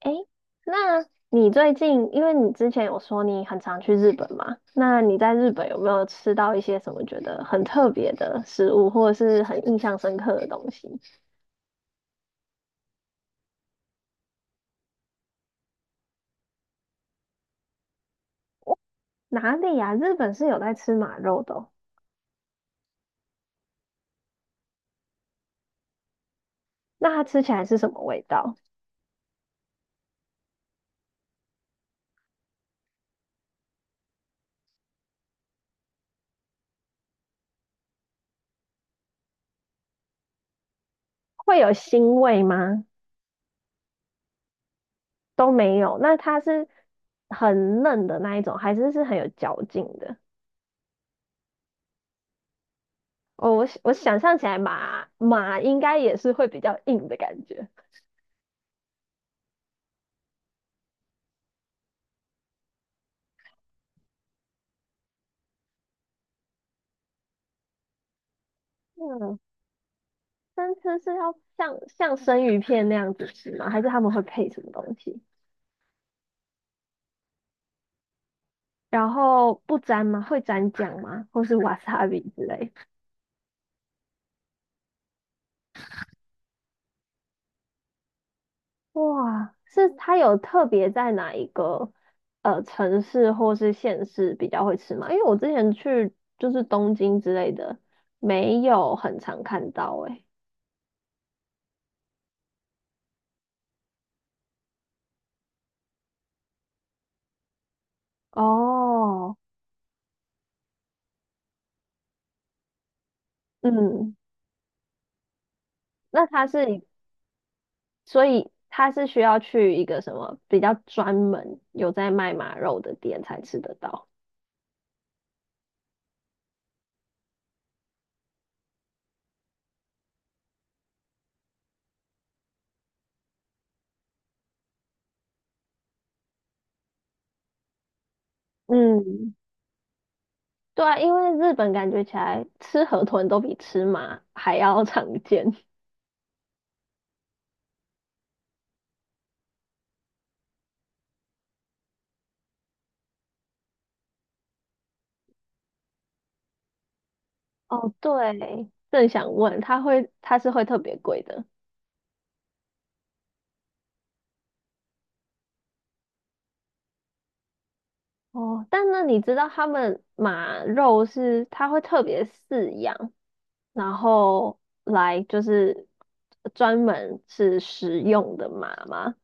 诶，那你最近，因为你之前有说你很常去日本嘛，那你在日本有没有吃到一些什么觉得很特别的食物，或者是很印象深刻的东西？哪里呀、日本是有在吃马肉的哦。那它吃起来是什么味道？会有腥味吗？都没有。那它是很嫩的那一种，还是是很有嚼劲的？哦，我想象起来马马应该也是会比较硬的感觉。嗯。生吃是要像生鱼片那样子吃吗？还是他们会配什么东西？然后不沾吗？会沾酱吗？或是 wasabi 之类？哇，是它有特别在哪一个城市或是县市比较会吃吗？因为我之前去就是东京之类的，没有很常看到诶、欸。哦，嗯，那它是一，所以它是需要去一个什么比较专门有在卖马肉的店才吃得到。嗯，对啊，因为日本感觉起来吃河豚都比吃马还要常见。哦，对，正想问，它会它是会特别贵的。哦，但那你知道他们马肉是它会特别饲养，然后来就是专门是食用的麻吗？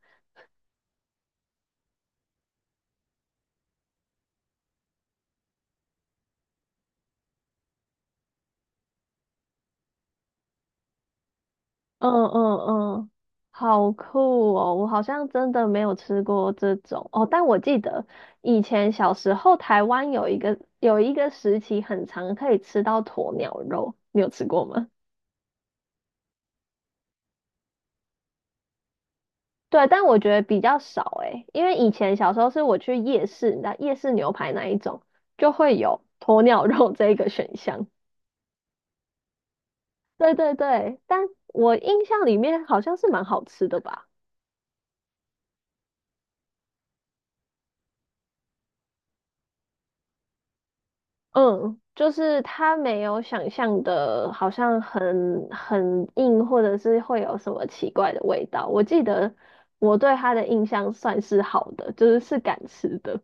嗯嗯嗯，好酷哦！我好像真的没有吃过这种哦，但我记得以前小时候台湾有一个时期很长可以吃到鸵鸟肉，你有吃过吗？对，但我觉得比较少诶，因为以前小时候是我去夜市，你知道夜市牛排那一种就会有鸵鸟肉这一个选项。对对对，但我印象里面好像是蛮好吃的吧？嗯，就是它没有想象的，好像很硬，或者是会有什么奇怪的味道。我记得我对它的印象算是好的，就是是敢吃的。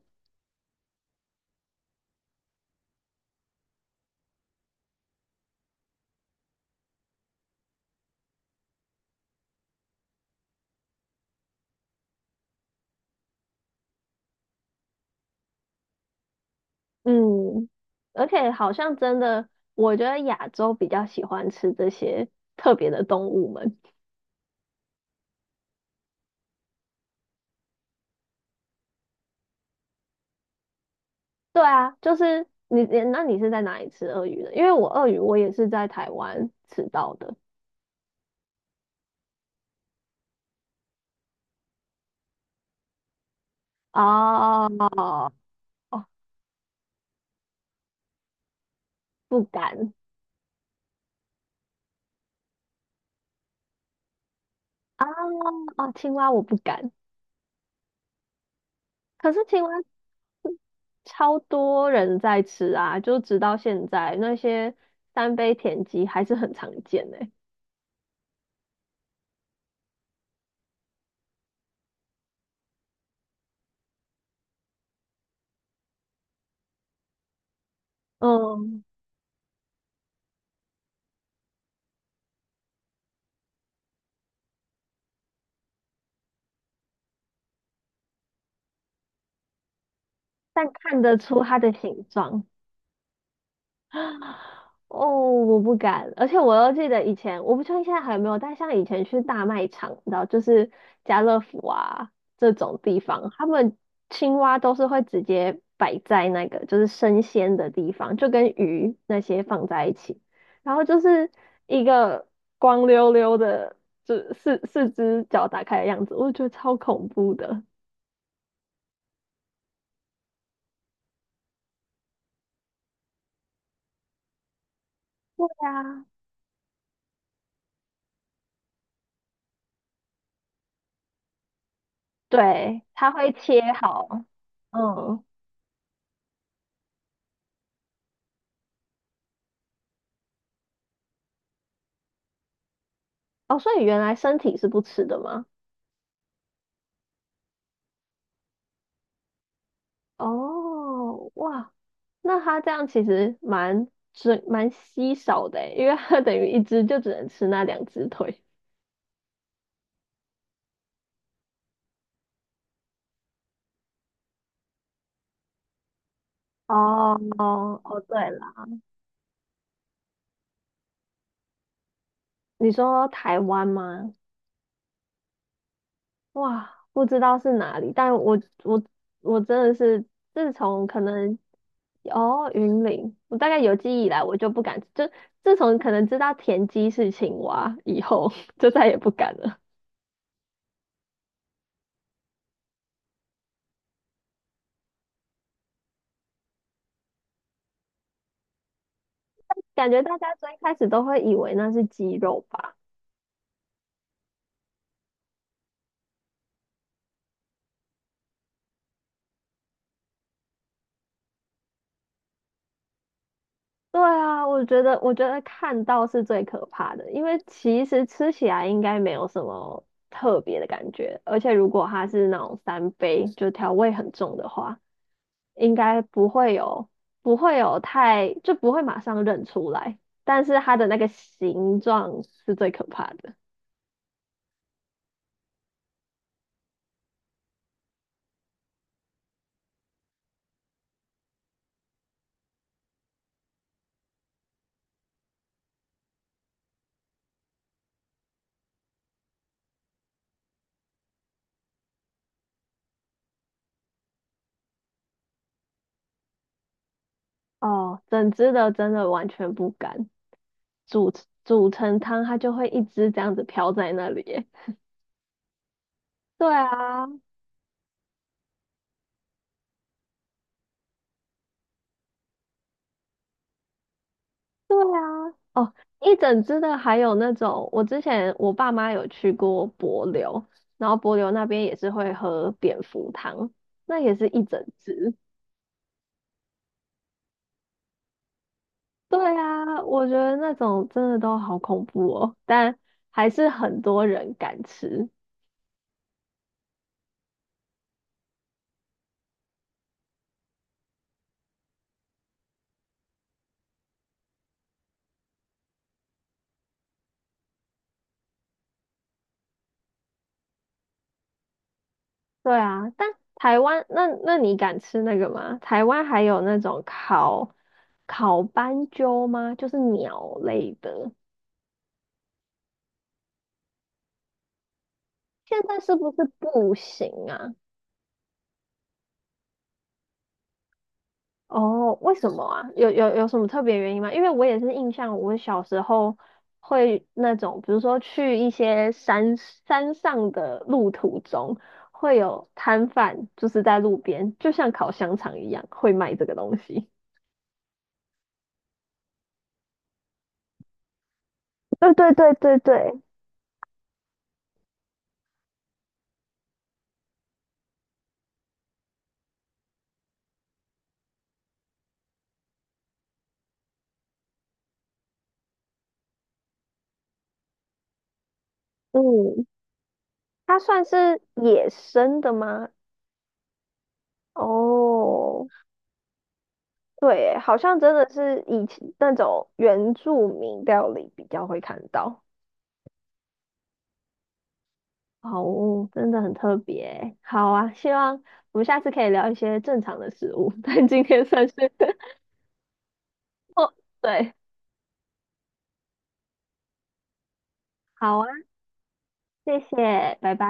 嗯，而且好像真的，我觉得亚洲比较喜欢吃这些特别的动物们。对啊，就是你，你是在哪里吃鳄鱼的？因为我鳄鱼我也是在台湾吃到的。哦哦，哦！不敢啊。哦，青蛙我不敢。可是青蛙超多人在吃啊，就直到现在那些三杯田鸡还是很常见呢。嗯，但看得出它的形状。哦，我不敢，而且我又记得以前，我不确定现在还有没有，但像以前去大卖场，你知道就是家乐福啊这种地方，他们青蛙都是会直接摆在那个就是生鲜的地方，就跟鱼那些放在一起，然后就是一个光溜溜的，就四只脚打开的样子，我觉得超恐怖的。对啊，对，它会切好。嗯。哦，所以原来身体是不吃的吗？哦，哇，那它这样其实蛮稀少的诶，因为它等于一只就只能吃那两只腿。哦哦哦，对了，你说台湾吗？哇，不知道是哪里，但我我真的是自从可能，哦云林，我大概有记忆以来，我就不敢，就自从可能知道田鸡是青蛙以后，就再也不敢了。感觉大家最开始都会以为那是鸡肉吧。对啊，我觉得，我觉得看到是最可怕的，因为其实吃起来应该没有什么特别的感觉，而且如果它是那种三杯，就调味很重的话，应该不会有，不会有太，就不会马上认出来，但是它的那个形状是最可怕的。哦，整只的真的完全不敢煮，煮成汤，它就会一直这样子飘在那里耶。对啊，对啊，哦，一整只的还有那种，我之前我爸妈有去过帛琉，然后帛琉那边也是会喝蝙蝠汤，那也是一整只。对啊，我觉得那种真的都好恐怖哦，但还是很多人敢吃。对啊，但台湾那，那你敢吃那个吗？台湾还有那种烤斑鸠吗？就是鸟类的，现在是不是不行啊？哦，为什么啊？有什么特别原因吗？因为我也是印象，我小时候会那种，比如说去一些山上的路途中，会有摊贩，就是在路边，就像烤香肠一样，会卖这个东西。对对对对对，嗯，它算是野生的吗？哦，对，好像真的是以前那种原住民料理比较会看到。好哦，真的很特别欸，好啊，希望我们下次可以聊一些正常的食物，但今天算是 哦，对，好啊，谢谢，拜拜。